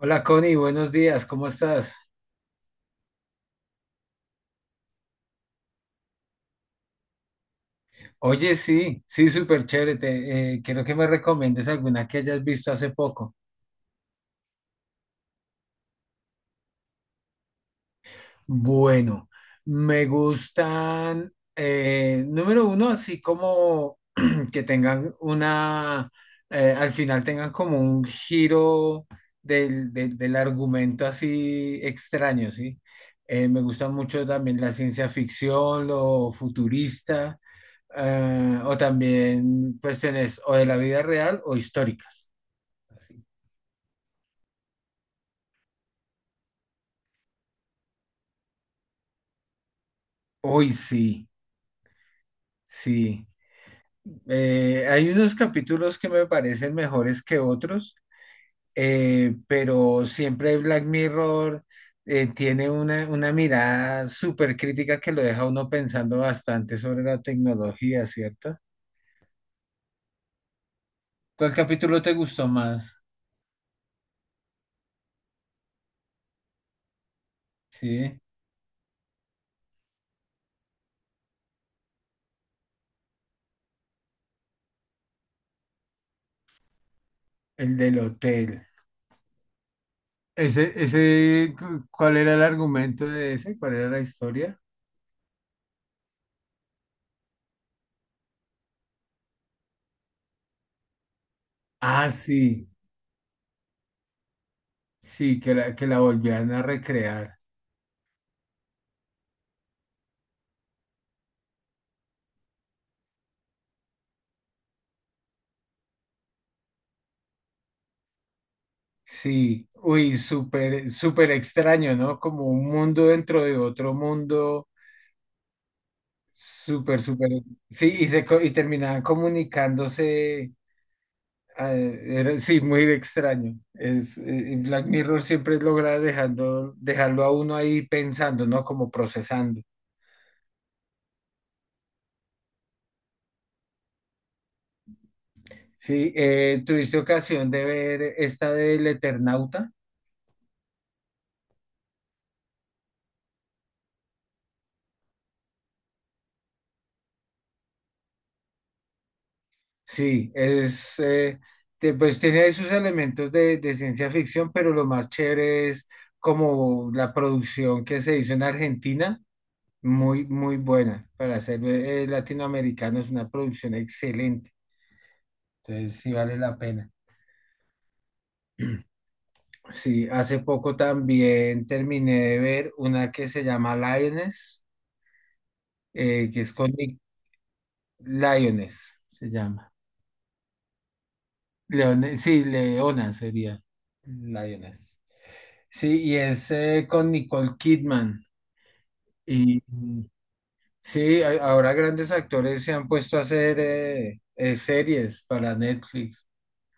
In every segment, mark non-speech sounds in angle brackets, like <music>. Hola Connie, buenos días, ¿cómo estás? Oye, sí, sí, súper chévere. Quiero que me recomiendes alguna que hayas visto hace poco. Bueno, me gustan, número uno, así como <clears throat> que tengan una, al final tengan como un giro del argumento así extraño, ¿sí? Me gusta mucho también la ciencia ficción, lo futurista, o también cuestiones o de la vida real o históricas, así. Uy, sí, sí. Hay unos capítulos que me parecen mejores que otros, pero siempre Black Mirror tiene una mirada súper crítica que lo deja a uno pensando bastante sobre la tecnología, ¿cierto? ¿Cuál capítulo te gustó más? Sí, el del hotel. ¿Cuál era el argumento de ese? ¿Cuál era la historia? Ah, sí, sí, que la volvían a recrear. Sí, uy, súper, súper extraño, ¿no? Como un mundo dentro de otro mundo, súper, súper. Sí, y terminaban comunicándose. Sí, muy extraño. Y Black Mirror siempre logra dejarlo a uno ahí pensando, ¿no? Como procesando. Sí, ¿tuviste ocasión de ver esta del Eternauta? Sí, pues tiene sus elementos de ciencia ficción, pero lo más chévere es como la producción que se hizo en Argentina, muy, muy buena. Para ser latinoamericano es una producción excelente, entonces sí vale la pena. Sí, hace poco también terminé de ver una que se llama Lioness, que es con Nick. Lioness, se llama. Sí, Leona sería. Lioness. Sí, y es con Nicole Kidman. Y mm, sí, ahora grandes actores se han puesto a hacer series para Netflix.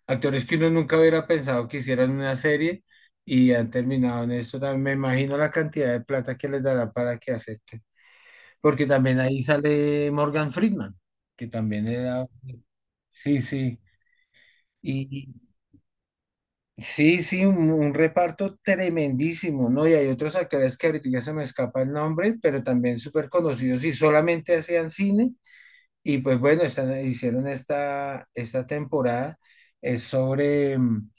Actores que uno nunca hubiera pensado que hicieran una serie y han terminado en esto. También me imagino la cantidad de plata que les dará para que acepten. Porque también ahí sale Morgan Freeman, que también era. Sí, sí. Sí, sí, un reparto tremendísimo, ¿no? Y hay otros actores que ahorita ya se me escapa el nombre, pero también súper conocidos y solamente hacían cine. Y pues bueno, hicieron esta temporada, es sobre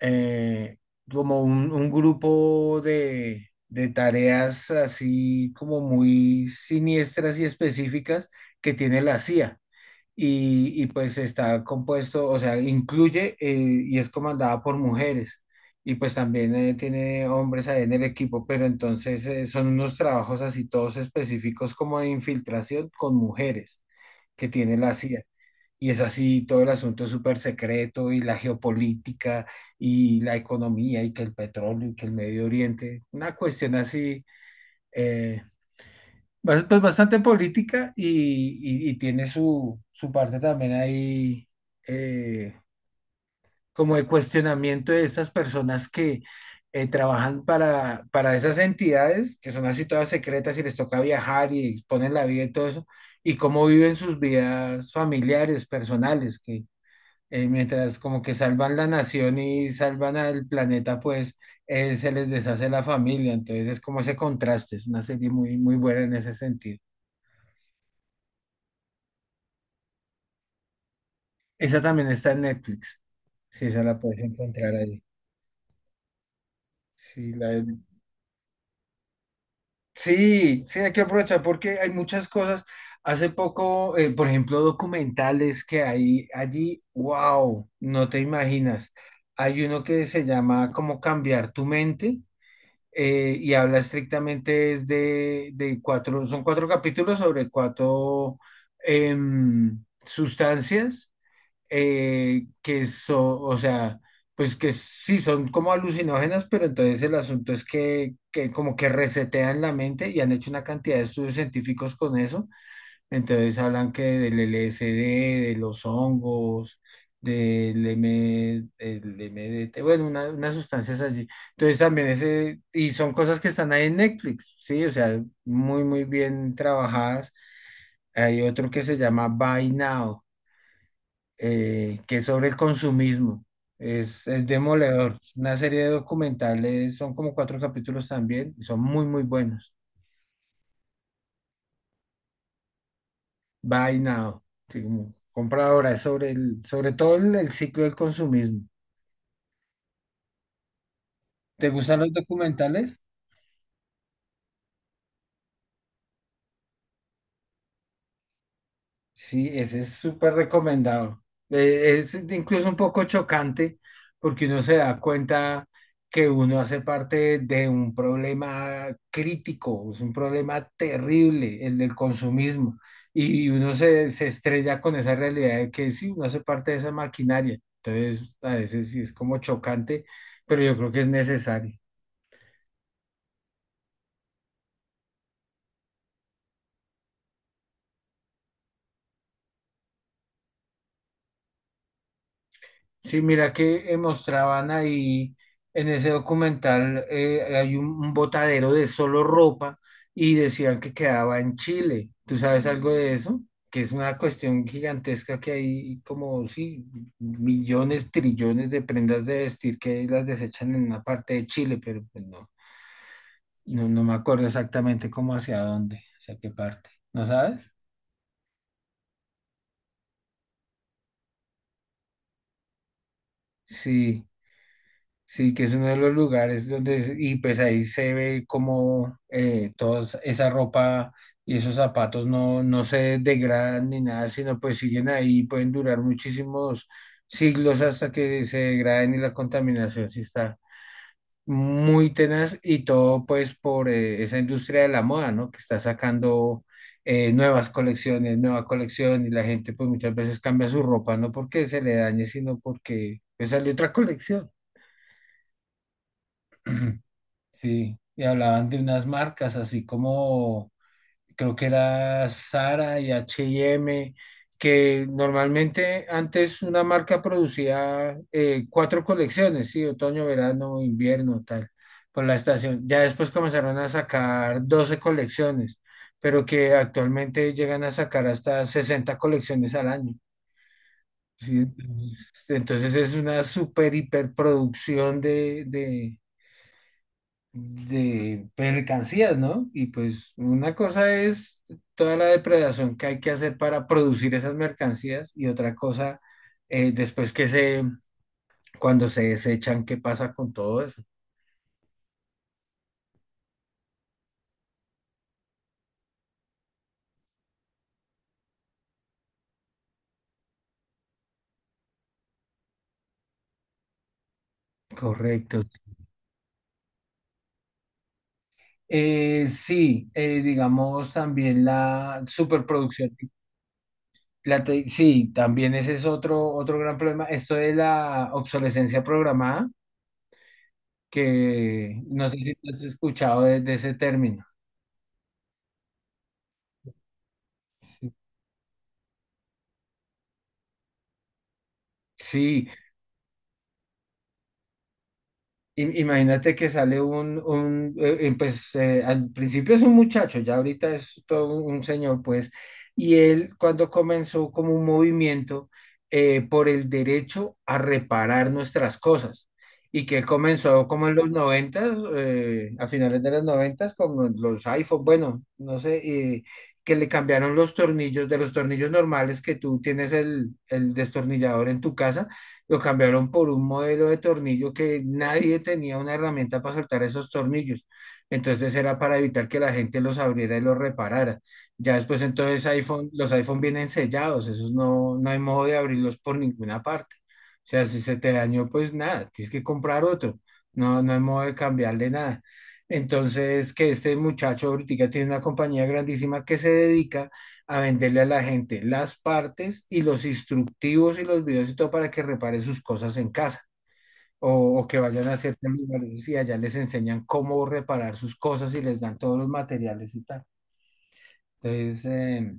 eh, como un grupo de tareas así como muy siniestras y específicas que tiene la CIA pues está compuesto, o sea, incluye y es comandada por mujeres y pues también tiene hombres ahí en el equipo, pero entonces son unos trabajos así todos específicos como de infiltración con mujeres que tiene la CIA. Y es así, todo el asunto es súper secreto, y la geopolítica y la economía y que el petróleo y que el Medio Oriente, una cuestión así. eh, Pues bastante política y tiene su parte también ahí, eh, como de cuestionamiento de estas personas que trabajan para esas entidades que son así todas secretas y les toca viajar y exponen la vida y todo eso, y cómo viven sus vidas familiares, personales, que mientras como que salvan la nación y salvan al planeta, pues se les deshace la familia, entonces es como ese contraste, es una serie muy, muy buena en ese sentido. Esa también está en Netflix. Sí, esa la puedes encontrar ahí. Sí, la he sí, sí, hay que aprovechar porque hay muchas cosas. Hace poco, por ejemplo, documentales que hay allí, wow, no te imaginas. Hay uno que se llama Cómo cambiar tu mente, y habla, estrictamente es de son cuatro capítulos sobre cuatro sustancias, que son, o sea, pues que sí son como alucinógenas, pero entonces el asunto es que como que resetean la mente, y han hecho una cantidad de estudios científicos con eso. Entonces hablan que del LSD, de los hongos, el MDT, bueno, unas sustancias allí. Entonces también ese, y son cosas que están ahí en Netflix, sí, o sea, muy, muy bien trabajadas. Hay otro que se llama Buy Now, que es sobre el consumismo. Es demoledor. Una serie de documentales, son como cuatro capítulos también, y son muy, muy buenos. Buy Now, sí, como compra ahora, es sobre todo el ciclo del consumismo. ¿Te gustan los documentales? Sí, ese es súper recomendado. Es incluso un poco chocante porque uno se da cuenta que uno hace parte de un problema crítico, es un problema terrible, el del consumismo, y uno se estrella con esa realidad de que sí, uno hace parte de esa maquinaria. Entonces, a veces sí es como chocante, pero yo creo que es necesario. Sí, mira que mostraban ahí en ese documental, hay un botadero de solo ropa, y decían que quedaba en Chile. ¿Tú sabes algo de eso? Que es una cuestión gigantesca que hay como, sí, millones, trillones de prendas de vestir que las desechan en una parte de Chile, pero pues no, no, no me acuerdo exactamente cómo hacia dónde, hacia qué parte. ¿No sabes? Sí. Sí, que es uno de los lugares donde, y pues ahí se ve como toda esa ropa y esos zapatos no, no se degradan ni nada, sino pues siguen ahí, pueden durar muchísimos siglos hasta que se degraden, y la contaminación sí está muy tenaz y todo pues por esa industria de la moda, ¿no? Que está sacando nuevas colecciones, nueva colección, y la gente pues muchas veces cambia su ropa, no porque se le dañe, sino porque pues sale otra colección. <clears throat> Sí, y hablaban de unas marcas, así como creo que era Zara y H&M, que normalmente antes una marca producía cuatro colecciones, sí, otoño, verano, invierno, tal, por la estación. Ya después comenzaron a sacar 12 colecciones, pero que actualmente llegan a sacar hasta 60 colecciones al año. Sí, entonces es una super hiperproducción de mercancías, ¿no? Y pues una cosa es toda la depredación que hay que hacer para producir esas mercancías, y otra cosa, después que se, cuando se desechan, ¿qué pasa con todo eso? Correcto. Sí, digamos también la superproducción. Sí, también ese es otro gran problema. Esto de la obsolescencia programada, que no sé si has escuchado de ese término. Sí, imagínate que sale un pues al principio es un muchacho, ya ahorita es todo un señor, pues, y él cuando comenzó como un movimiento por el derecho a reparar nuestras cosas, y que él comenzó como en los 90, a finales de los 90, con los iPhone, bueno, no sé, eh, que le cambiaron los tornillos, de los tornillos normales que tú tienes el destornillador en tu casa, lo cambiaron por un modelo de tornillo que nadie tenía una herramienta para soltar esos tornillos. Entonces era para evitar que la gente los abriera y los reparara. Ya después entonces los iPhone vienen sellados, esos no, no hay modo de abrirlos por ninguna parte. O sea, si se te dañó, pues nada, tienes que comprar otro. No, no hay modo de cambiarle nada. Entonces, que este muchacho ahorita tiene una compañía grandísima que se dedica a venderle a la gente las partes y los instructivos y los videos y todo para que repare sus cosas en casa. O, o que vayan a ciertos lugares y allá les enseñan cómo reparar sus cosas y les dan todos los materiales y tal. Entonces,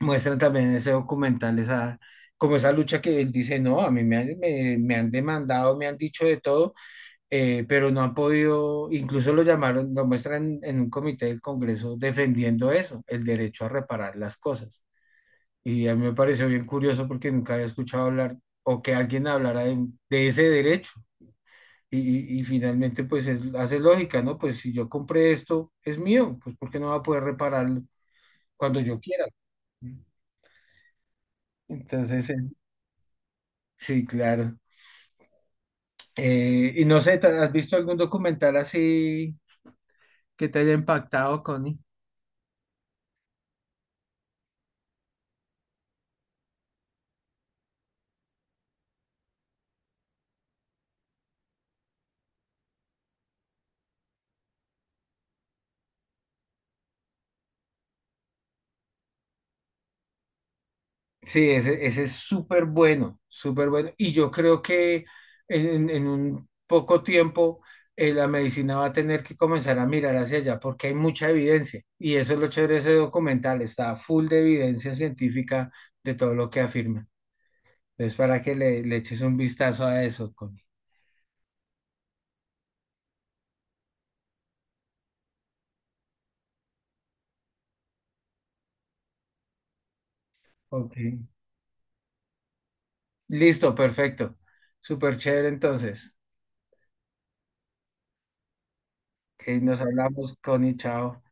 muestran también en ese documental esa, como esa lucha que él dice, no, a mí me han, me han demandado, me han dicho de todo, pero no han podido, incluso lo llamaron, lo muestran en un comité del Congreso defendiendo eso, el derecho a reparar las cosas. Y a mí me pareció bien curioso porque nunca había escuchado hablar o que alguien hablara de ese derecho. Y finalmente, pues hace lógica, ¿no? Pues si yo compré esto, es mío, pues ¿por qué no va a poder repararlo cuando yo quiera? Entonces, sí, claro. Y no sé, ¿has visto algún documental así que te haya impactado, Connie? Sí, ese es súper bueno, súper bueno. Y yo creo que en un poco tiempo la medicina va a tener que comenzar a mirar hacia allá porque hay mucha evidencia. Y eso es lo chévere de ese documental, está full de evidencia científica de todo lo que afirma. Entonces, para que le eches un vistazo a eso, Connie. Ok. Listo, perfecto. Súper chévere entonces. Ok, nos hablamos, Connie, chao.